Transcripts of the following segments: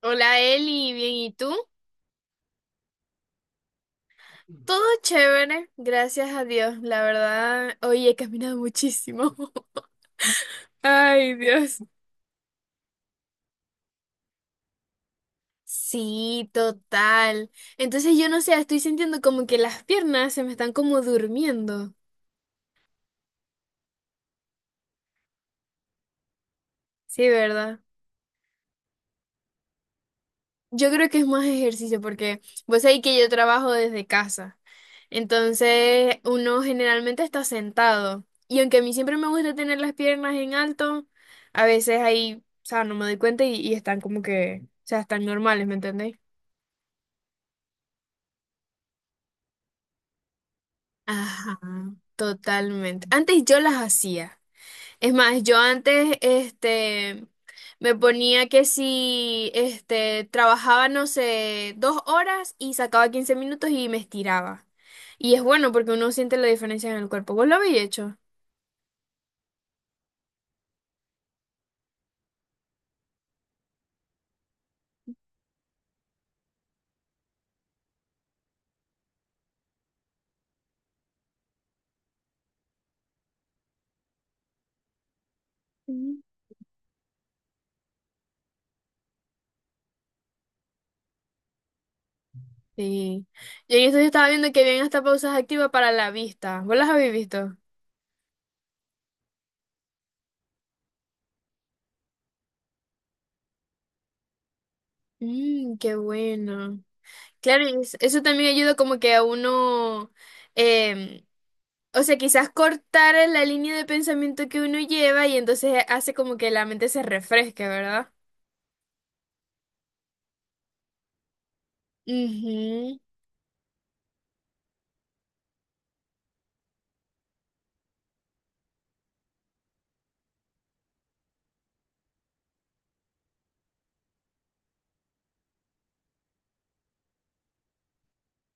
Hola Eli, bien, ¿y tú? Todo chévere, gracias a Dios, la verdad. Hoy he caminado muchísimo. Ay, Dios. Sí, total. Entonces yo no sé, estoy sintiendo como que las piernas se me están como durmiendo. Sí, ¿verdad? Yo creo que es más ejercicio porque vos sabés que yo trabajo desde casa. Entonces uno generalmente está sentado. Y aunque a mí siempre me gusta tener las piernas en alto, a veces ahí, o sea, no me doy cuenta y están como que, o sea, están normales, ¿me entendéis? Ajá, totalmente. Antes yo las hacía. Es más, yo antes, me ponía que si, trabajaba, no sé, 2 horas y sacaba 15 minutos y me estiraba. Y es bueno porque uno siente la diferencia en el cuerpo. ¿Vos lo habéis hecho? Mm. Sí. Yo en esto yo estaba viendo que habían hasta pausas activas para la vista. ¿Vos las habéis visto? Mmm, qué bueno. Claro, y eso también ayuda como que a uno em, o sea, quizás cortar la línea de pensamiento que uno lleva y entonces hace como que la mente se refresque, ¿verdad? Ujú.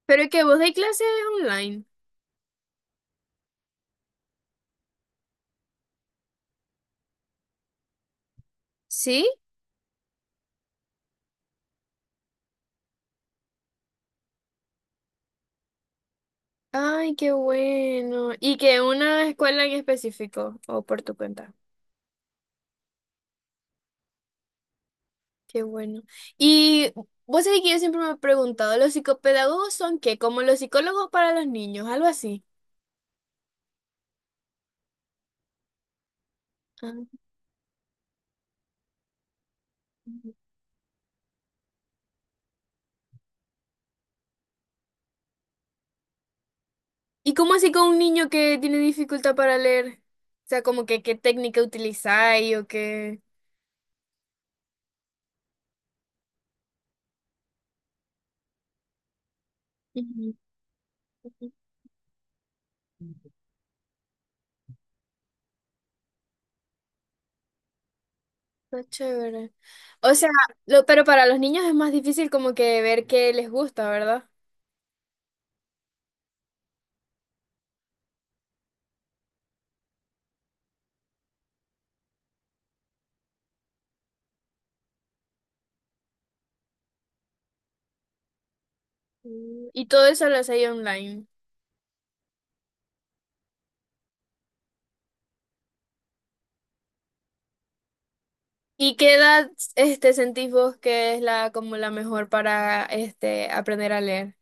Pero que vos dais clases online. ¿Sí? Ay, qué bueno. ¿Y que una escuela en específico, o por tu cuenta? Qué bueno. Y vos sabés que yo siempre me he preguntado, ¿los psicopedagogos son qué? ¿Como los psicólogos para los niños? Algo así. Ah. ¿Y cómo así con un niño que tiene dificultad para leer? O sea, ¿como que qué técnica utilizáis o qué? Ujú. Está chévere. O sea, lo, pero para los niños es más difícil como que ver qué les gusta, ¿verdad? Mm. Y todo eso lo hacéis online. ¿Y qué edad sentís vos que es la como la mejor para aprender a leer?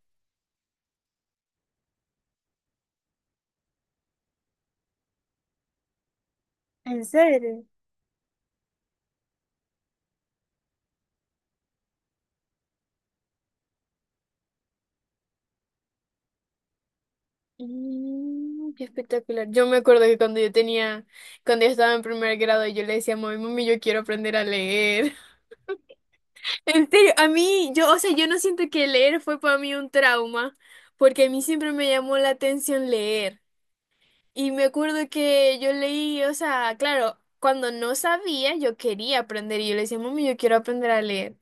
¿En serio? Mm, qué espectacular. Yo me acuerdo que cuando yo tenía, cuando yo estaba en primer grado, yo le decía, a mami, mami, yo quiero aprender a leer. En serio, a mí, yo, o sea, yo no siento que leer fue para mí un trauma, porque a mí siempre me llamó la atención leer. Y me acuerdo que yo leí, o sea, claro, cuando no sabía, yo quería aprender y yo le decía, mami, yo quiero aprender a leer.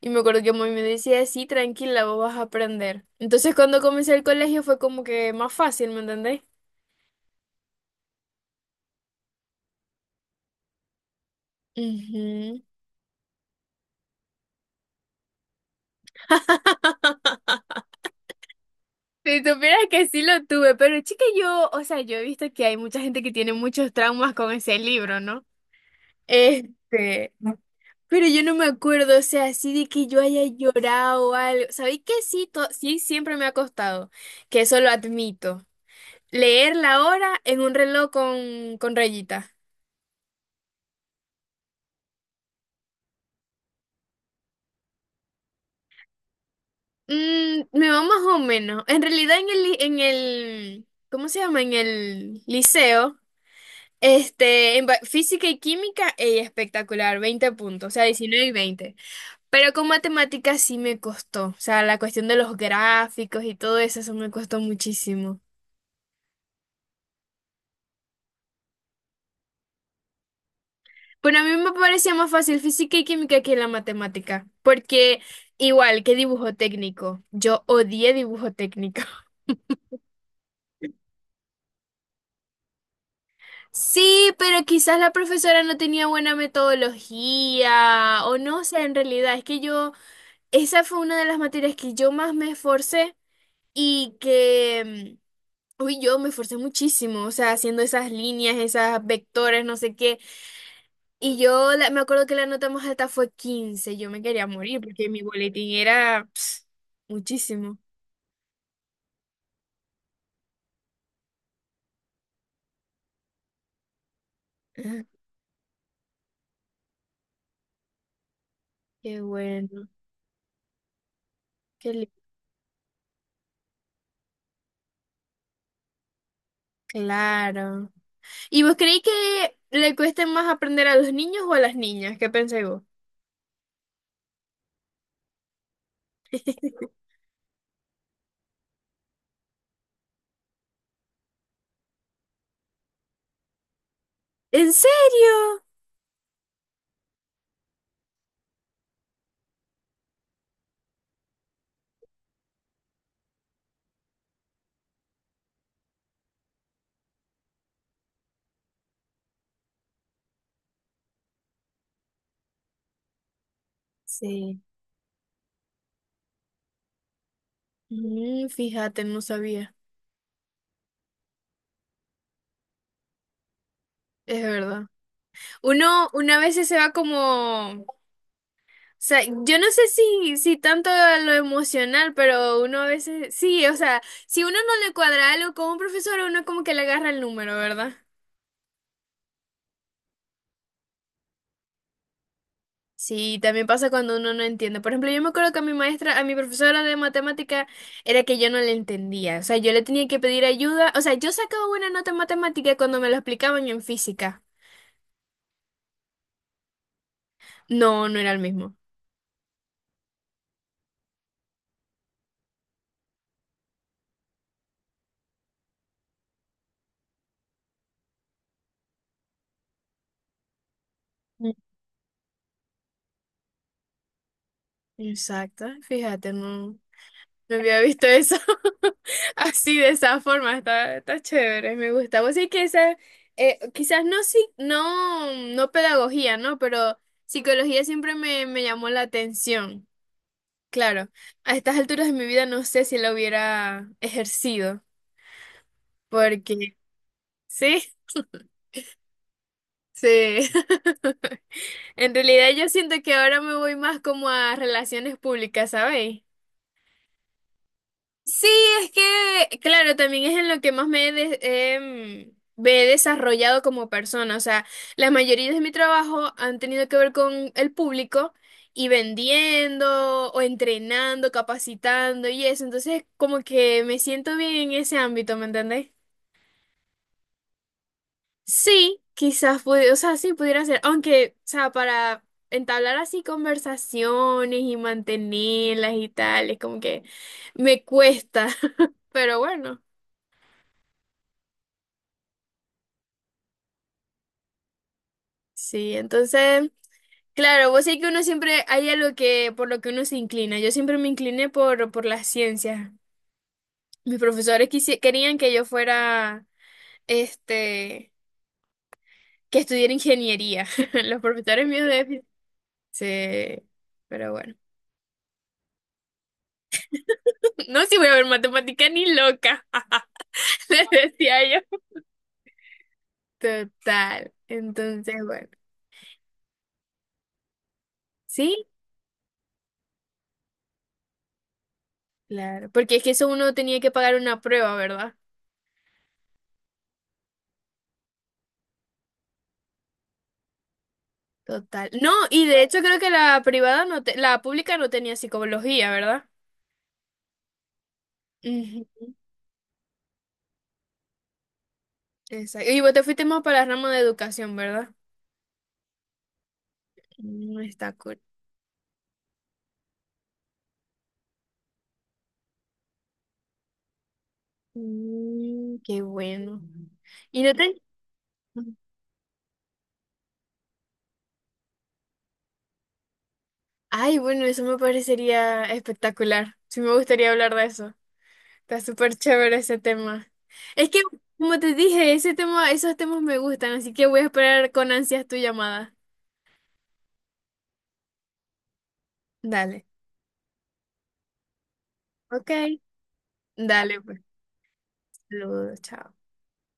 Y me acuerdo que mami me decía, sí, tranquila, vos vas a aprender. Entonces, cuando comencé el colegio fue como que más fácil, ¿me entendés? Ujú. Si supieras que sí lo tuve, pero chica, yo, o sea, yo he visto que hay mucha gente que tiene muchos traumas con ese libro, ¿no? Este, pero yo no me acuerdo, o sea, así de que yo haya llorado o algo. ¿Sabéis que sí? Sí, siempre me ha costado, que eso lo admito. Leer la hora en un reloj con rayita. Mm, me va más o menos. En realidad en el, en el, ¿cómo se llama? En el liceo, en física y química, ella espectacular, 20 puntos, o sea, 19 y 20. Pero con matemáticas sí me costó. O sea, la cuestión de los gráficos y todo eso, eso me costó muchísimo. Bueno, a mí me parecía más fácil física y química que la matemática, porque igual que dibujo técnico, yo odié dibujo técnico. Sí, pero quizás la profesora no tenía buena metodología o no sé, en realidad es que yo, esa fue una de las materias que yo más me esforcé y que uy, yo me esforcé muchísimo, o sea, haciendo esas líneas, esas vectores, no sé qué. Y yo me acuerdo que la nota más alta fue 15. Yo me quería morir porque mi boletín era ps, muchísimo. Ah, qué bueno, qué li- claro. ¿Y vos creéis que le cueste más aprender a los niños o a las niñas? ¿Qué pensáis vos? ¿En serio? Sí. Mm, fíjate, no sabía. Es verdad. Uno, una vez se va como o sea, yo no sé si tanto a lo emocional, pero uno a veces, sí, o sea, si uno no le cuadra algo con un profesor, uno como que le agarra el número, ¿verdad? Sí, también pasa cuando uno no entiende. Por ejemplo, yo me acuerdo que a mi maestra, a mi profesora de matemática, era que yo no le entendía. O sea, yo le tenía que pedir ayuda. O sea, yo sacaba buena nota en matemática cuando me lo explicaban en física. No, no era el mismo. Mm. Exacto, fíjate, no. No había visto eso así, de esa forma, está, chévere, me gusta. Vos sí que esa, quizás no, sí, no, no pedagogía, ¿no? Pero psicología siempre me llamó la atención. Claro, a estas alturas de mi vida no sé si la hubiera ejercido, porque sí, sí. En realidad yo siento que ahora me voy más como a relaciones públicas, ¿sabéis? Sí, es que, claro, también es en lo que más me he, me he desarrollado como persona. O sea, la mayoría de mi trabajo han tenido que ver con el público y vendiendo o entrenando, capacitando y eso. Entonces, como que me siento bien en ese ámbito, ¿me entendés? Sí, quizás, o sea, sí pudiera ser, aunque, o sea, para entablar así conversaciones y mantenerlas y tal, es como que me cuesta, pero bueno. Sí, entonces, claro, vos sé que uno siempre hay algo que por lo que uno se inclina. Yo siempre me incliné por las ciencias. Mis profesores querían que yo fuera, este, que estudiara ingeniería. Los profesores míos de. Sí, pero bueno. No, si voy a ver matemática ni loca, les decía yo. Total. Entonces, bueno. Sí, claro. Porque es que eso uno tenía que pagar una prueba, ¿verdad? Total. No, y de hecho creo que la privada la pública no tenía psicología, ¿verdad? Ujú. Exacto. Y vos te fuiste más para el ramo de educación, ¿verdad? No, está cool. Mm, qué bueno. Y no te. Ay, bueno, eso me parecería espectacular. Sí me gustaría hablar de eso. Está súper chévere ese tema. Es que, como te dije, ese tema, esos temas me gustan, así que voy a esperar con ansias tu llamada. Dale. Ok. Dale, pues. Saludos, chao.